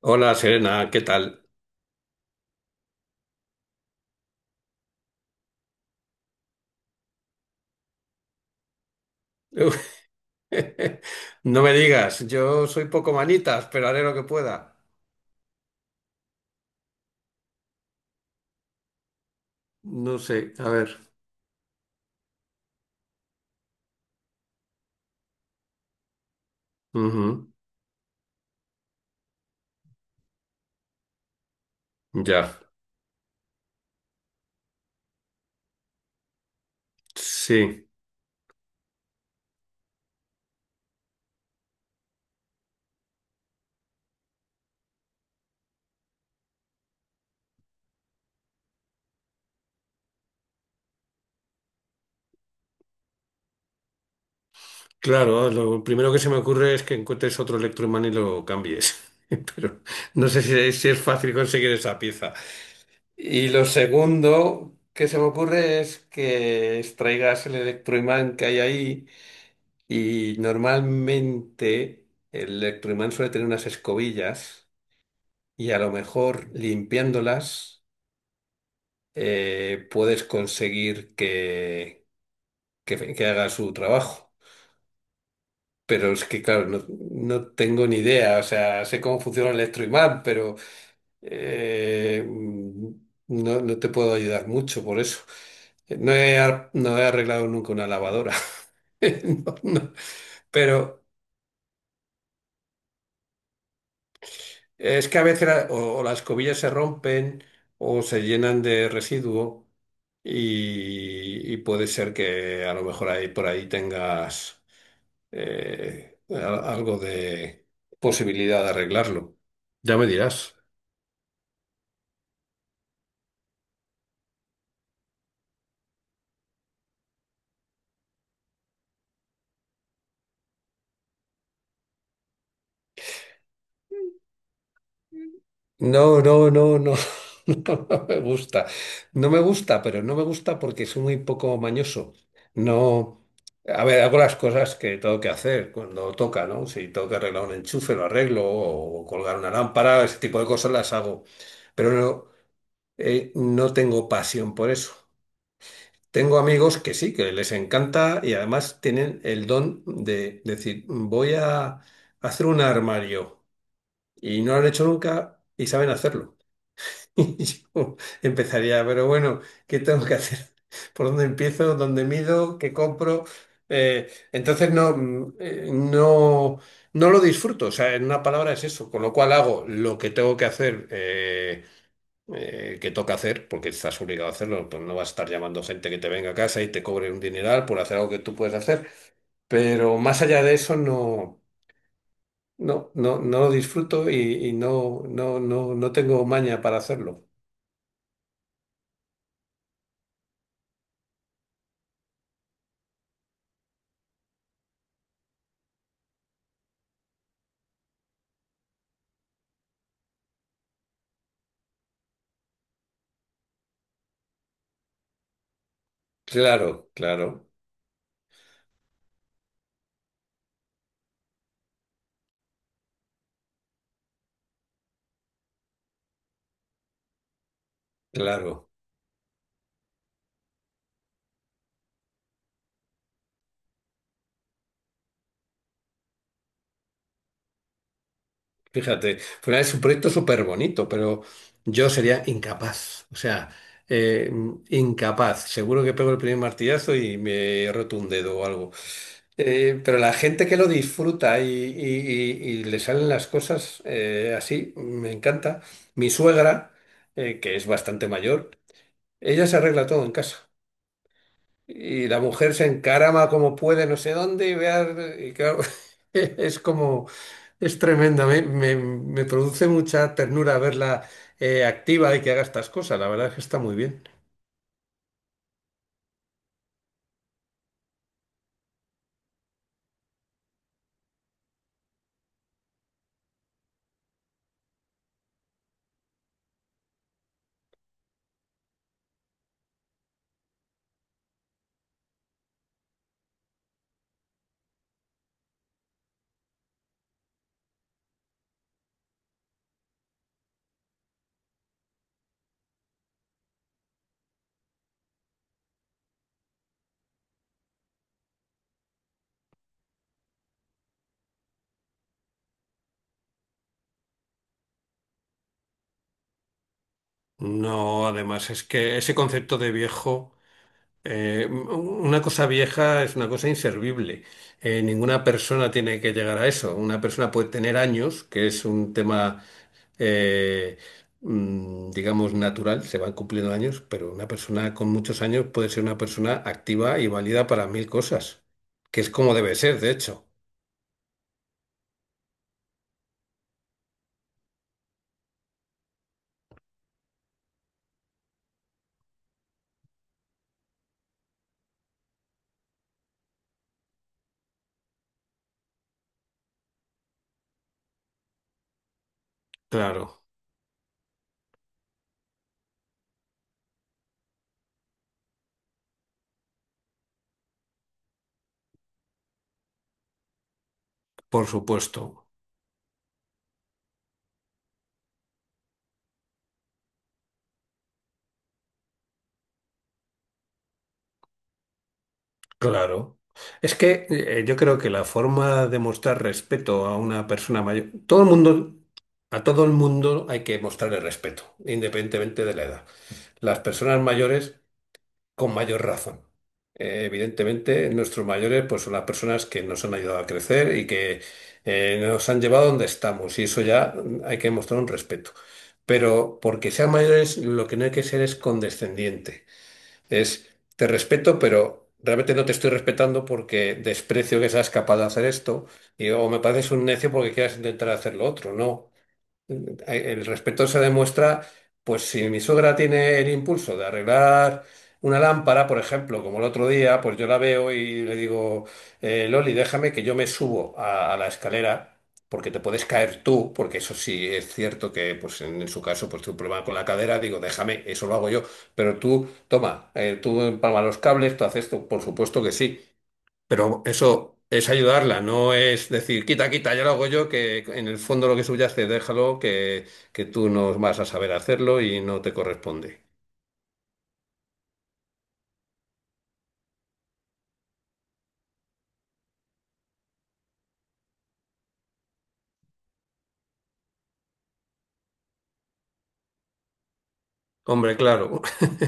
Hola Serena, ¿qué tal? No me digas, yo soy poco manitas, pero haré lo que pueda. No sé, a ver. Ujú. Ya, sí. Claro, lo primero que se me ocurre es que encuentres otro electroimán y lo cambies. Pero no sé si es fácil conseguir esa pieza. Y lo segundo que se me ocurre es que extraigas el electroimán que hay ahí y normalmente el electroimán suele tener unas escobillas. Y a lo mejor limpiándolas puedes conseguir que haga su trabajo. Pero es que, claro, no, no tengo ni idea. O sea, sé cómo funciona el electroimán, pero no, no te puedo ayudar mucho por eso. No he arreglado nunca una lavadora. No, no. Pero es que a veces o las cobillas se rompen o se llenan de residuo y puede ser que a lo mejor ahí por ahí tengas algo de posibilidad de arreglarlo. Ya me dirás. No, no, no, no, no, no me gusta. No me gusta, pero no me gusta porque soy muy poco mañoso. No, a ver, hago las cosas que tengo que hacer cuando toca, ¿no? Si tengo que arreglar un enchufe, lo arreglo, o colgar una lámpara, ese tipo de cosas las hago. Pero no, no tengo pasión por eso. Tengo amigos que sí, que les encanta y además tienen el don de decir, voy a hacer un armario y no lo han hecho nunca y saben hacerlo. Y yo empezaría, pero bueno, ¿qué tengo que hacer? ¿Por dónde empiezo? ¿Dónde mido? ¿Qué compro? Entonces no, no, no lo disfruto. O sea, en una palabra es eso. Con lo cual hago lo que tengo que hacer, que toca hacer, porque estás obligado a hacerlo. Pues no vas a estar llamando gente que te venga a casa y te cobre un dineral por hacer algo que tú puedes hacer. Pero más allá de eso, no, no, no lo disfruto y no, no, no tengo maña para hacerlo. Claro, claro. Claro, fíjate, al es un proyecto súper bonito, pero yo sería incapaz, o sea, eh, incapaz. Seguro que pego el primer martillazo y me roto un dedo o algo. Pero la gente que lo disfruta y, y le salen las cosas así, me encanta. Mi suegra, que es bastante mayor, ella se arregla todo en casa. Y la mujer se encarama como puede, no sé dónde, y, y claro, es como, es tremenda, me produce mucha ternura verla activa y que haga estas cosas, la verdad es que está muy bien. No, además es que ese concepto de viejo... una cosa vieja es una cosa inservible. Ninguna persona tiene que llegar a eso. Una persona puede tener años, que es un tema, eh, digamos, natural, se van cumpliendo años, pero una persona con muchos años puede ser una persona activa y válida para mil cosas, que es como debe ser, de hecho. Claro, por supuesto. Claro. Es que yo creo que la forma de mostrar respeto a una persona mayor, todo el mundo, a todo el mundo hay que mostrarle respeto, independientemente de la edad. Las personas mayores con mayor razón. Evidentemente, nuestros mayores pues son las personas que nos han ayudado a crecer y que nos han llevado donde estamos. Y eso ya hay que mostrar un respeto. Pero porque sean mayores, lo que no hay que ser es condescendiente. Es, te respeto, pero realmente no te estoy respetando porque desprecio que seas capaz de hacer esto. Y, o me pareces un necio porque quieras intentar hacer lo otro. No. Eh, El respeto se demuestra, pues si mi suegra tiene el impulso de arreglar una lámpara, por ejemplo, como el otro día, pues yo la veo y le digo, Loli, déjame que yo me subo a la escalera, porque te puedes caer tú, porque eso sí es cierto que pues en su caso pues tuve un problema con la cadera, digo, déjame, eso lo hago yo, pero tú, toma, tú empalma los cables, tú haces esto, por supuesto que sí. Pero eso es ayudarla, no es decir, quita, quita, ya lo hago yo, que en el fondo lo que subyace, déjalo, que tú no vas a saber hacerlo y no te corresponde. Hombre, claro.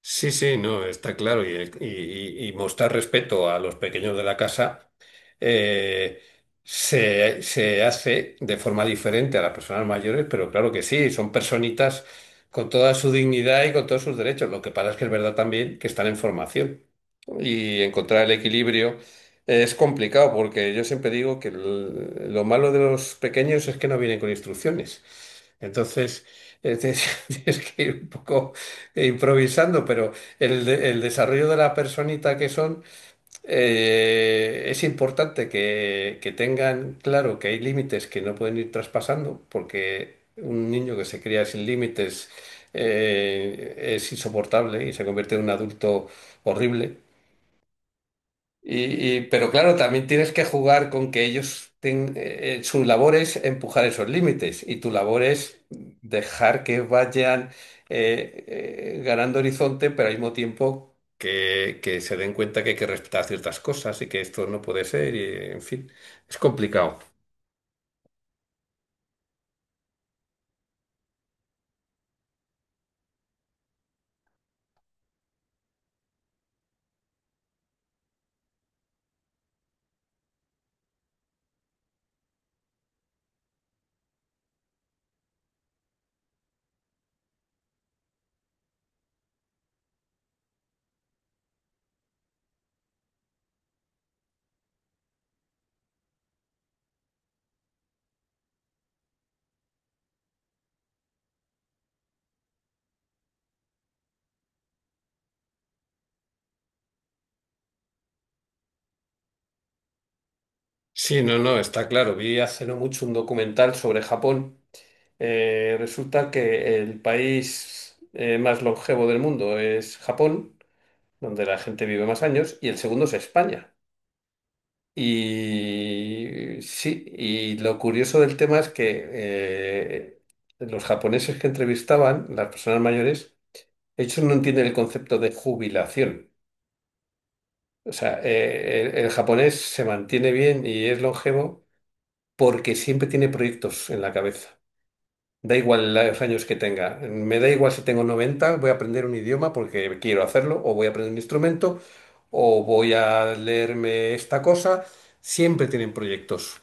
Sí, sí, no, está claro. Y, y- y mostrar respeto a los pequeños de la casa eh, se hace de forma diferente a las personas mayores, pero claro que sí, son personitas con toda su dignidad y con todos sus derechos. Lo que pasa es que es verdad también que están en formación y encontrar el equilibrio es complicado porque yo siempre digo que lo malo de los pequeños es que no vienen con instrucciones. Entonces, tienes tienes que ir un poco improvisando, pero el desarrollo de la personita que son es importante que tengan claro que hay límites que no pueden ir traspasando, porque un niño que se cría sin límites es insoportable y se convierte en un adulto horrible. Y, pero claro, también tienes que jugar con que ellos, su labor es empujar esos límites y tu labor es dejar que vayan eh, ganando horizonte, pero al mismo tiempo que se den cuenta que hay que respetar ciertas cosas y que esto no puede ser, y en fin, es complicado. Sí, no, no, está claro. Vi hace no mucho un documental sobre Japón. Resulta que el país más longevo del mundo es Japón, donde la gente vive más años, y el segundo es España. Y sí, y lo curioso del tema es que los japoneses que entrevistaban, las personas mayores, ellos no entienden el concepto de jubilación. O sea, el japonés se mantiene bien y es longevo porque siempre tiene proyectos en la cabeza. Da igual los años que tenga. Me da igual si tengo 90, voy a aprender un idioma porque quiero hacerlo, o voy a aprender un instrumento, o voy a leerme esta cosa. Siempre tienen proyectos.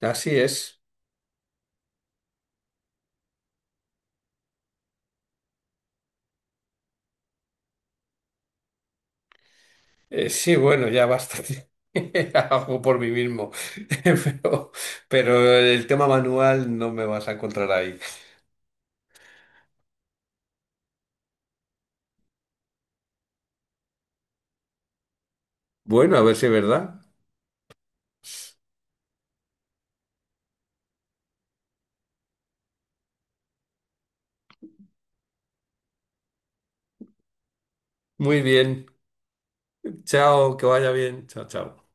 Así es. Sí, bueno, ya basta. Hago por mí mismo. Pero, pero el tema manual no me vas a encontrar ahí. Bueno, a ver si es verdad. Muy bien. Chao, que vaya bien. Chao, chao.